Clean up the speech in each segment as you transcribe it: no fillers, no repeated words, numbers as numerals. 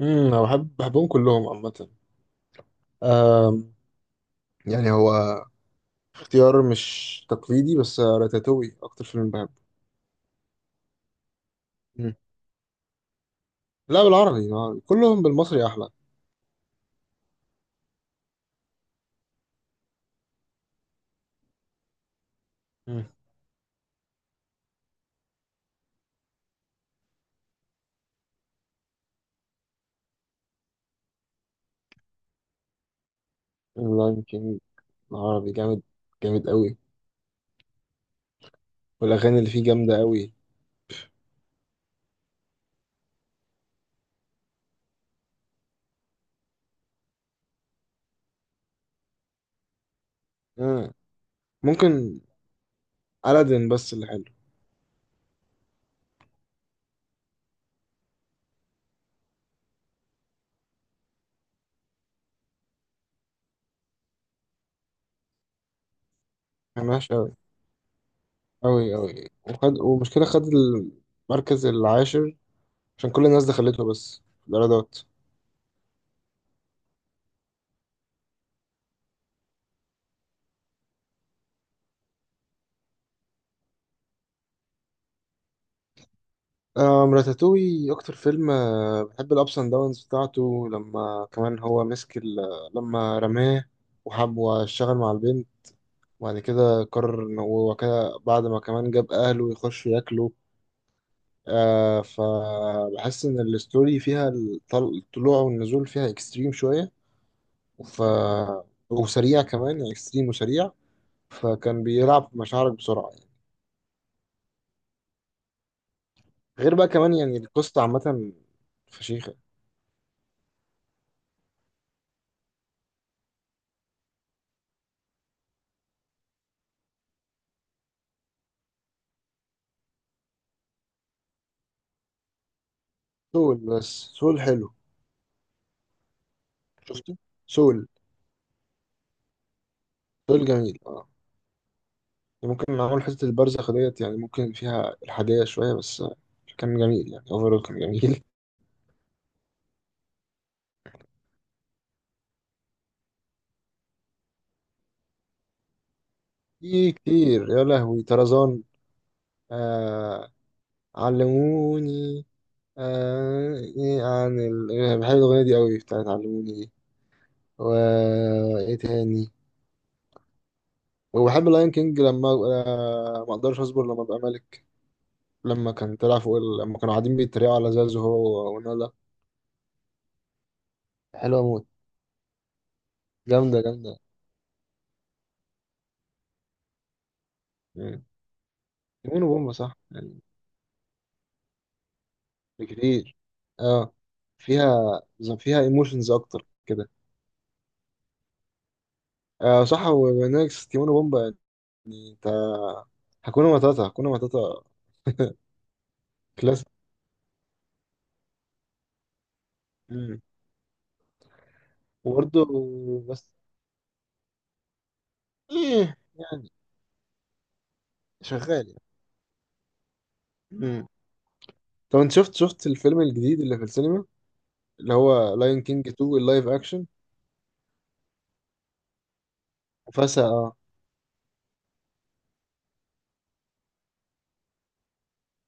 انا بحبهم كلهم عامة. آم، يعني هو اختيار مش تقليدي، بس راتاتوي اكتر فيلم بحبه. مم. لا، بالعربي بالعربي. كلهم بالمصري احلى. مم. لا يمكن، العربي جامد، جامد قوي، والاغاني اللي فيه جامدة قوي. مم. ممكن ألادين بس اللي حلو. ملهاش قوي، قوي قوي، وخد ومشكلة خد المركز العاشر عشان كل الناس دخلته، بس في الإيرادات. راتاتوي أكتر فيلم، بحب الأبس أند داونز بتاعته لما كمان هو مسك لما رماه وحب واشتغل مع البنت، وبعد كده قرر إن هو كده بعد ما كمان جاب أهله يخش ياكله. فبحس إن الستوري فيها الطلوع والنزول فيها إكستريم شوية. ف... وسريع كمان، يعني إكستريم وسريع، فكان بيلعب بمشاعرك بسرعة يعني. غير بقى كمان يعني القصة عامة فشيخة. سول، بس سول حلو. شفته. سول. سول جميل اه. يعني ممكن معمول حتة البرزخ ديت، يعني ممكن فيها الحادية شوية، بس كان جميل يعني، اوفرول كان جميل. في كتير يا لهوي. طرزان. آه. علموني. آه إيه عن بحب الأغنية دي قوي بتاعت علموني دي. و ايه تاني؟ وبحب اللاين كينج لما ما اقدرش اصبر لما ابقى ملك. لما كان طلع فوق لما كانوا قاعدين بيتريقوا على زازو هو ونولا. حلوة موت، جامدة جامدة. ليمون وبومبا صح يعني. كتير. اه. فيها. فيها ايموشنز اكتر كده. صح، ونكس تيمون وبومبا يعني. انت. هكون ماتاتا، هكون ماتاتا. كلاسيك. مم. وبرضه، بس ايه يعني. شغال يعني. مم. طب انت شفت الفيلم الجديد اللي في السينما، اللي هو لاين كينج 2 اللايف اكشن. فسا اه.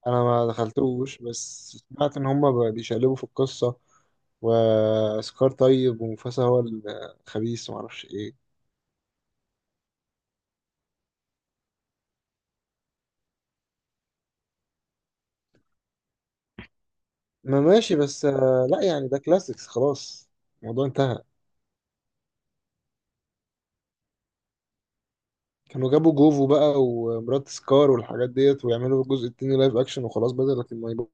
انا ما دخلتوش بس سمعت ان هما بيشقلبوا في القصة، وسكار طيب ومفاسا هو الخبيث ومعرفش ايه. ما ماشي بس، لا يعني ده كلاسيكس خلاص، الموضوع انتهى. كانوا جابوا جوفو بقى ومرات سكار والحاجات ديت، ويعملوا الجزء التاني لايف اكشن وخلاص، بدل لكن ما يبقوا.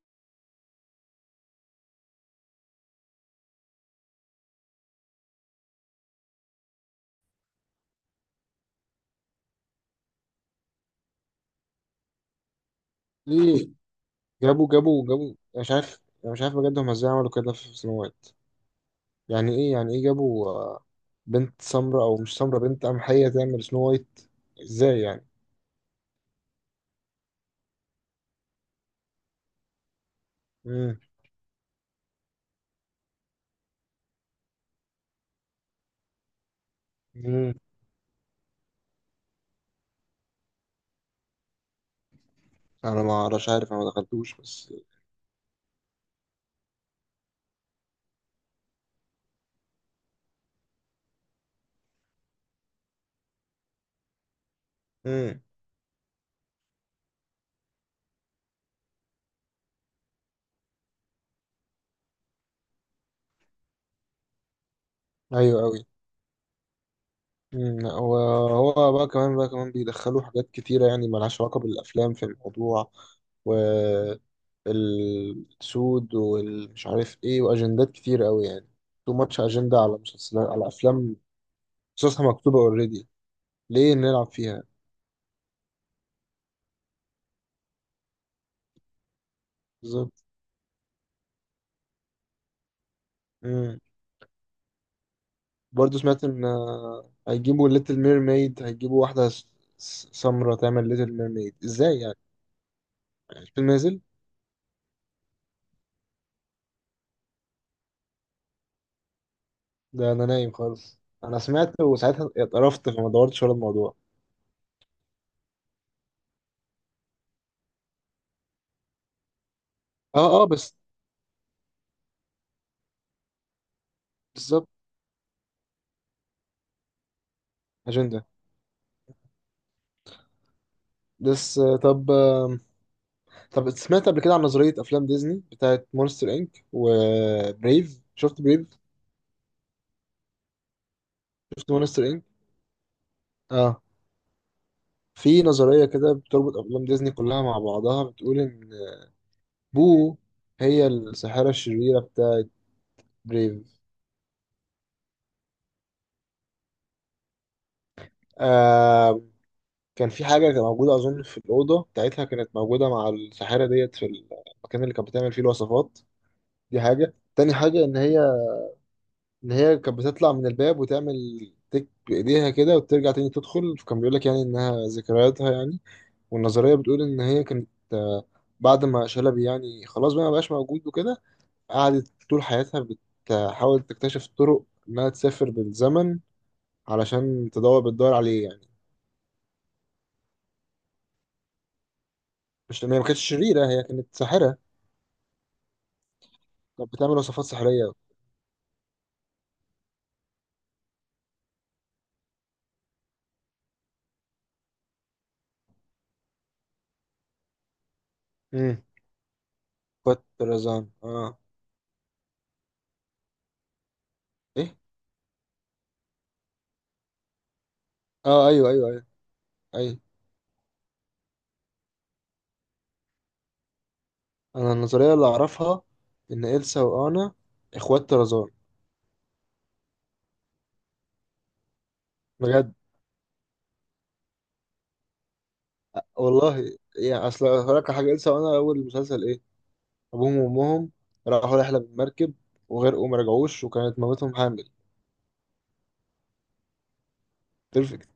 ليه جابوا، أنا مش عارف، انا مش عارف بجد هم ازاي عملوا كده في سنو وايت. يعني ايه جابوا بنت سمراء او مش سمراء، بنت قمحية تعمل سنو وايت، ازاي يعني؟ امم. امم. انا ما اعرفش، عارف انا ما دخلتوش بس. امم. ايوه أوي. مم. وهو بقى كمان بيدخلوا حاجات كتيرة يعني ملهاش علاقة بالأفلام في الموضوع، والسود والمش عارف إيه، وأجندات كتير أوي يعني. تو ماتش أجندة على مسلسلات، على أفلام، قصصها مكتوبة أوريدي، ليه نلعب فيها؟ بالظبط. مم. برضه سمعت إن هيجيبوا ليتل ميرميد، هيجيبوا واحدة سمرة تعمل ليتل ميرميد إزاي يعني؟ الفيلم نازل؟ ده أنا نايم خالص، أنا سمعت وساعتها اتقرفت فما دورتش ورا الموضوع. اه اه بس. بالظبط. اجنده. بس طب سمعت قبل كده عن نظريه افلام ديزني بتاعت مونستر انك وبريف؟ شفت بريف؟ شفت مونستر انك. اه. في نظريه كده بتربط افلام ديزني كلها مع بعضها، بتقول ان بو هي الساحره الشريره بتاعت بريف. آه، كان في حاجه كانت موجوده اظن في الاوضه بتاعتها كانت موجوده مع الساحره ديت في المكان اللي كانت بتعمل فيه الوصفات. دي حاجه. تاني حاجه ان هي، اللي هي كانت بتطلع من الباب وتعمل تك بإيديها كده وترجع تاني تدخل، فكان بيقول لك يعني إنها ذكرياتها يعني. والنظرية بتقول إن هي كانت، بعد ما شلبي يعني خلاص بقى ما بقاش موجود وكده، قعدت طول حياتها بتحاول تكتشف طرق إنها تسافر بالزمن علشان تدور، بتدور عليه يعني. مش إن هي ما كانتش شريرة، هي كانت ساحرة كانت بتعمل وصفات سحرية. امم. بترزان اه. ايه. اه ايوه ايوه ايوه. ايوه. انا النظريه اللي اعرفها ان إلسا وانا اخوات طرزان. بجد والله يعني، اصل هقولك على حاجه، إلسا وانا اول المسلسل ايه، ابوهم وامهم راحوا رحله بالمركب وغرقوا وما رجعوش، وكانت مامتهم حامل. بيرفكت.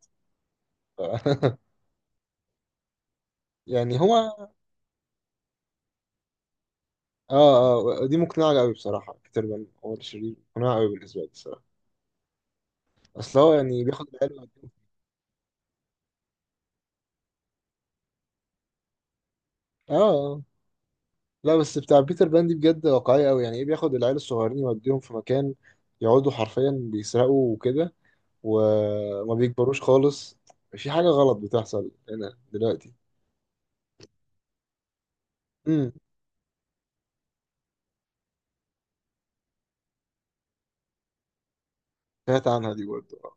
يعني هما. اه اه. دي مقنعه قوي بصراحه، كتير من عمر الشريف مقنعه قوي بالنسبه لي الصراحه. اصل هو يعني بياخد العيال ويوديهم-. اه. آه. لا بس بتاع بيتر بان دي بجد واقعيه قوي، يعني ايه بياخد العيال الصغيرين يوديهم في مكان يقعدوا حرفيا بيسرقوا وكده، وما بيكبروش خالص. في حاجة غلط بتحصل هنا دلوقتي. امم. سمعت عنها دي برضه.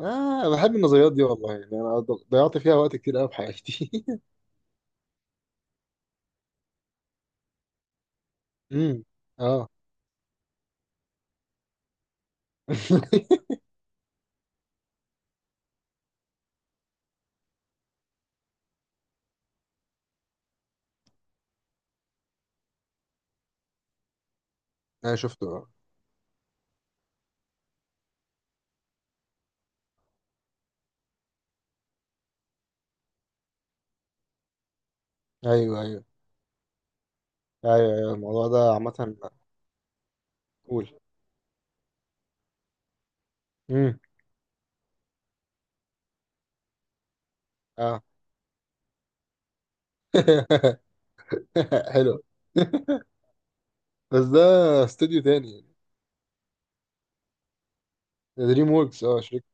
اه، أنا بحب النظريات دي والله يعني، انا ضيعت فيها وقت كتير قوي في حياتي. امم. اه. انا شفته اه. ايوه ايوه ايوه، أيوة، الموضوع ده عامة. قول. امم. اه. حلو. بس ده استوديو تاني، يعني دريم ووركس اه شركة.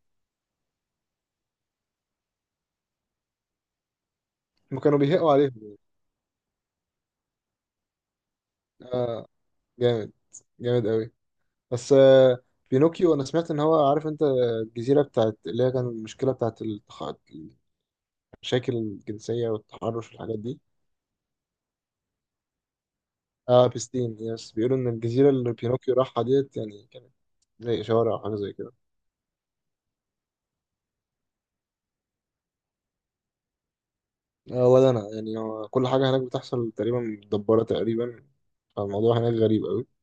هم كانوا بيهقوا عليهم. اه. جامد. جامد قوي. بس بينوكيو انا سمعت ان هو عارف انت الجزيره بتاعت اللي هي كان المشكله بتاعت المشاكل الجنسيه والتحرش والحاجات دي. اه بستين يس، بيقولوا ان الجزيره اللي بينوكيو راحها ديت يعني كانت زي شوارع او حاجه زي كده. آه ولا انا يعني هو كل حاجه هناك بتحصل تقريبا، متدبره تقريبا، فالموضوع هناك غريب قوي.